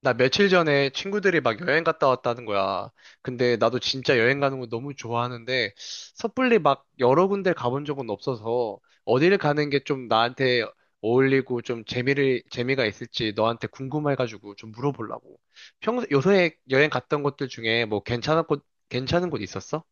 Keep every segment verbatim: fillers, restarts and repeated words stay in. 나 며칠 전에 친구들이 막 여행 갔다 왔다는 거야. 근데 나도 진짜 여행 가는 거 너무 좋아하는데 섣불리 막 여러 군데 가본 적은 없어서 어디를 가는 게 좀 나한테 어울리고 좀 재미를 재미가 있을지 너한테 궁금해가지고 좀 물어보려고. 평소 요새 여행 갔던 곳들 중에 뭐 괜찮은 곳 괜찮은 곳 있었어?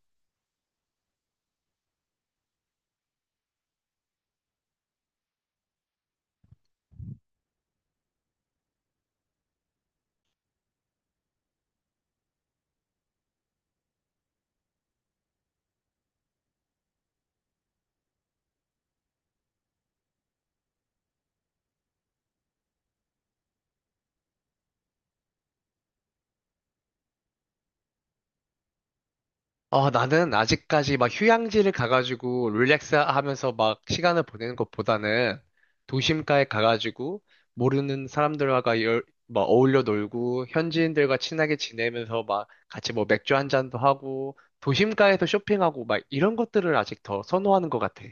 어, 나는 아직까지 막 휴양지를 가가지고 릴렉스 하면서 막 시간을 보내는 것보다는 도심가에 가가지고 모르는 사람들과 열, 막 어울려 놀고 현지인들과 친하게 지내면서 막 같이 뭐 맥주 한 잔도 하고 도심가에서 쇼핑하고 막 이런 것들을 아직 더 선호하는 것 같아.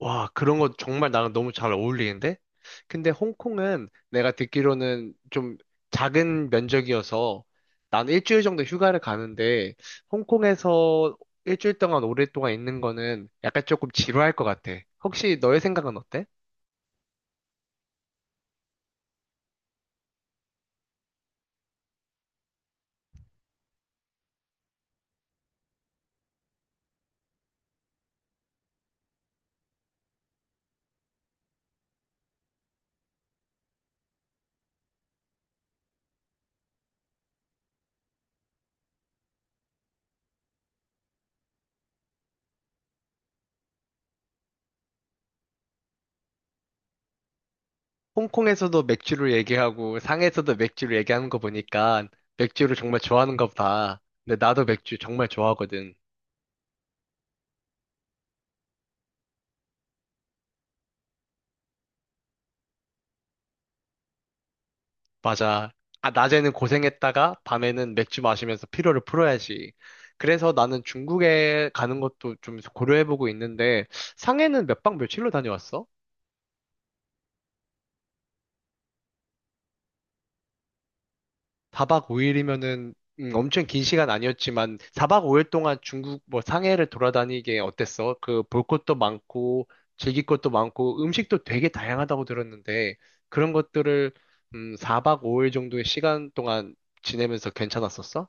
와, 그런 거 정말 나랑 너무 잘 어울리는데? 근데 홍콩은 내가 듣기로는 좀 작은 면적이어서 난 일주일 정도 휴가를 가는데 홍콩에서 일주일 동안 오랫동안 있는 거는 약간 조금 지루할 것 같아. 혹시 너의 생각은 어때? 홍콩에서도 맥주를 얘기하고 상해에서도 맥주를 얘기하는 거 보니까 맥주를 정말 좋아하는가 보다. 근데 나도 맥주 정말 좋아하거든. 맞아. 아, 낮에는 고생했다가 밤에는 맥주 마시면서 피로를 풀어야지. 그래서 나는 중국에 가는 것도 좀 고려해보고 있는데, 상해는 몇 박 며칠로 다녀왔어? 사 박 오 일이면은, 엄청 긴 시간 아니었지만, 사 박 오 일 동안 중국 뭐 상해를 돌아다니게 어땠어? 그 볼 것도 많고, 즐길 것도 많고, 음식도 되게 다양하다고 들었는데, 그런 것들을, 음, 사 박 오 일 정도의 시간 동안 지내면서 괜찮았었어?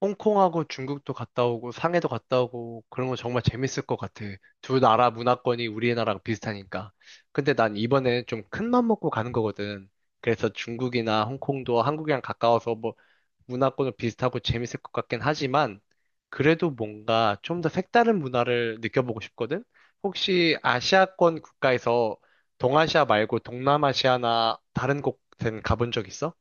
홍콩하고 중국도 갔다 오고 상해도 갔다 오고 그런 거 정말 재밌을 것 같아. 두 나라 문화권이 우리나라랑 비슷하니까. 근데 난 이번에 좀 큰 맘 먹고 가는 거거든. 그래서 중국이나 홍콩도 한국이랑 가까워서 뭐 문화권은 비슷하고 재밌을 것 같긴 하지만 그래도 뭔가 좀 더 색다른 문화를 느껴보고 싶거든. 혹시 아시아권 국가에서 동아시아 말고 동남아시아나 다른 곳은 가본 적 있어?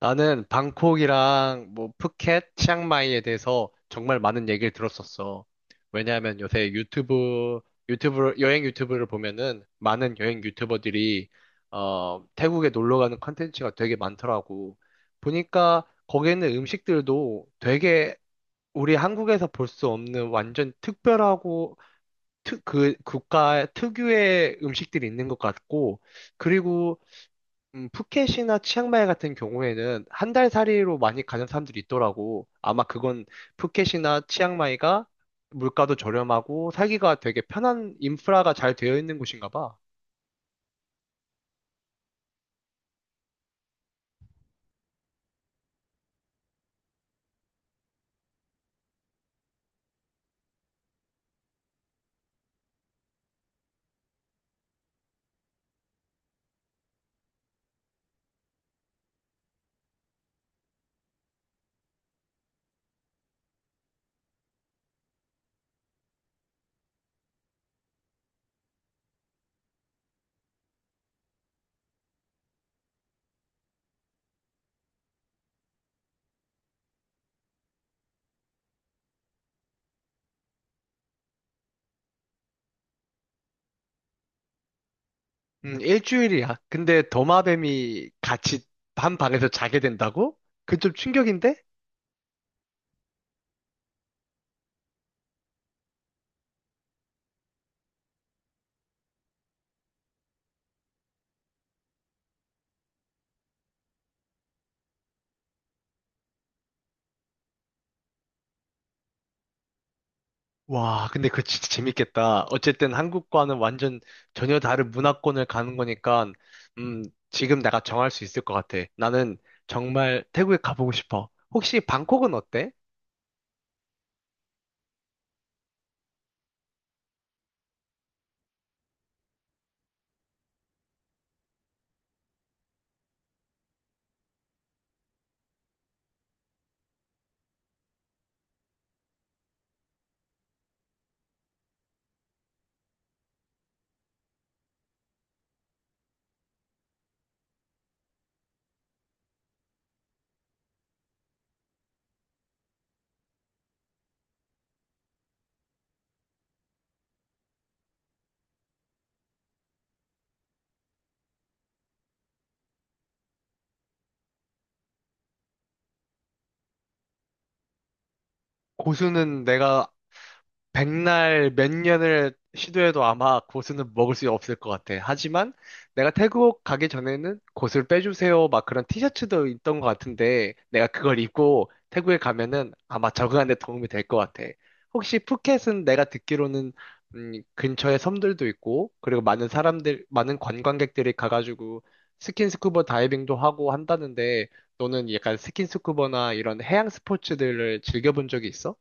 나는 방콕이랑 뭐 푸켓, 치앙마이에 대해서 정말 많은 얘기를 들었었어. 왜냐하면 요새 유튜브, 유튜브, 여행 유튜브를 보면은 많은 여행 유튜버들이 어, 태국에 놀러 가는 컨텐츠가 되게 많더라고. 보니까 거기에 있는 음식들도 되게 우리 한국에서 볼 수 없는 완전 특별하고 특, 그 국가 특유의 음식들이 있는 것 같고 그리고 음, 푸켓이나 치앙마이 같은 경우에는 한 달 살이로 많이 가는 사람들이 있더라고. 아마 그건 푸켓이나 치앙마이가 물가도 저렴하고 살기가 되게 편한 인프라가 잘 되어 있는 곳인가 봐. 음, 일주일이야. 근데 도마뱀이 같이 한 방에서 자게 된다고? 그 좀 충격인데? 와, 근데 그거 진짜 재밌겠다. 어쨌든 한국과는 완전 전혀 다른 문화권을 가는 거니까, 음, 지금 내가 정할 수 있을 것 같아. 나는 정말 태국에 가보고 싶어. 혹시 방콕은 어때? 고수는 내가 백날 몇 년을 시도해도 아마 고수는 먹을 수 없을 것 같아. 하지만 내가 태국 가기 전에는 고수를 빼주세요. 막 그런 티셔츠도 있던 것 같은데 내가 그걸 입고 태국에 가면은 아마 적응하는 데 도움이 될 것 같아. 혹시 푸켓은 내가 듣기로는 음, 근처에 섬들도 있고 그리고 많은 사람들, 많은 관광객들이 가가지고 스킨스쿠버 다이빙도 하고 한다는데 너는 약간 스킨스쿠버나 이런 해양 스포츠들을 즐겨본 적이 있어?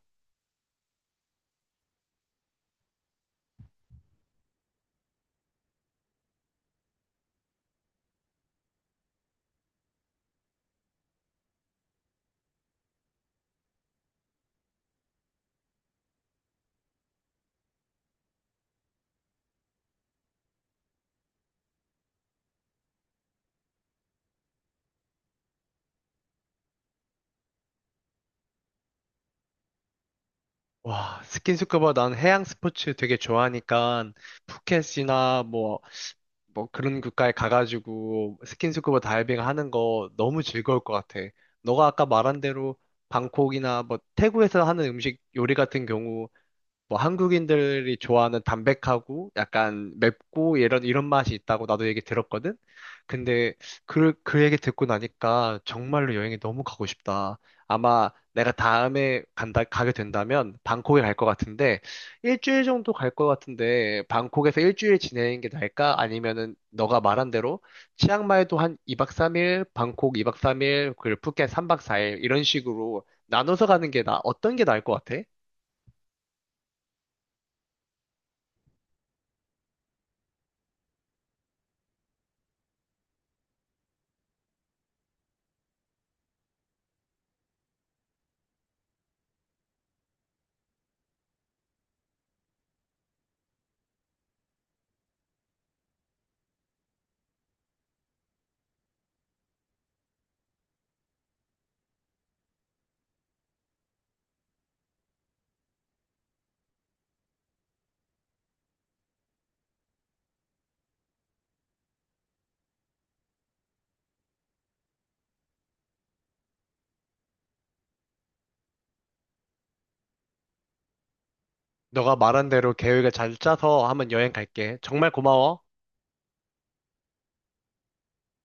와, 스킨스쿠버 난 해양 스포츠 되게 좋아하니까 푸켓이나 뭐, 뭐 그런 국가에 가가지고 스킨스쿠버 다이빙 하는 거 너무 즐거울 것 같아. 너가 아까 말한 대로 방콕이나 뭐 태국에서 하는 음식 요리 같은 경우 뭐 한국인들이 좋아하는 담백하고 약간 맵고 이런 이런 맛이 있다고 나도 얘기 들었거든. 근데 그 그 얘기 듣고 나니까 정말로 여행이 너무 가고 싶다. 아마 내가 다음에 간다 가게 된다면 방콕에 갈 것 같은데 일주일 정도 갈 것 같은데 방콕에서 일주일 지내는 게 나을까? 아니면은 너가 말한 대로 치앙마이도 한 이 박 삼 일, 방콕 이 박 삼 일, 그리고 푸켓 삼 박 사 일 이런 식으로 나눠서 가는 게 나 어떤 게 나을 것 같아? 너가 말한 대로 계획을 잘 짜서 한번 여행 갈게. 정말 고마워.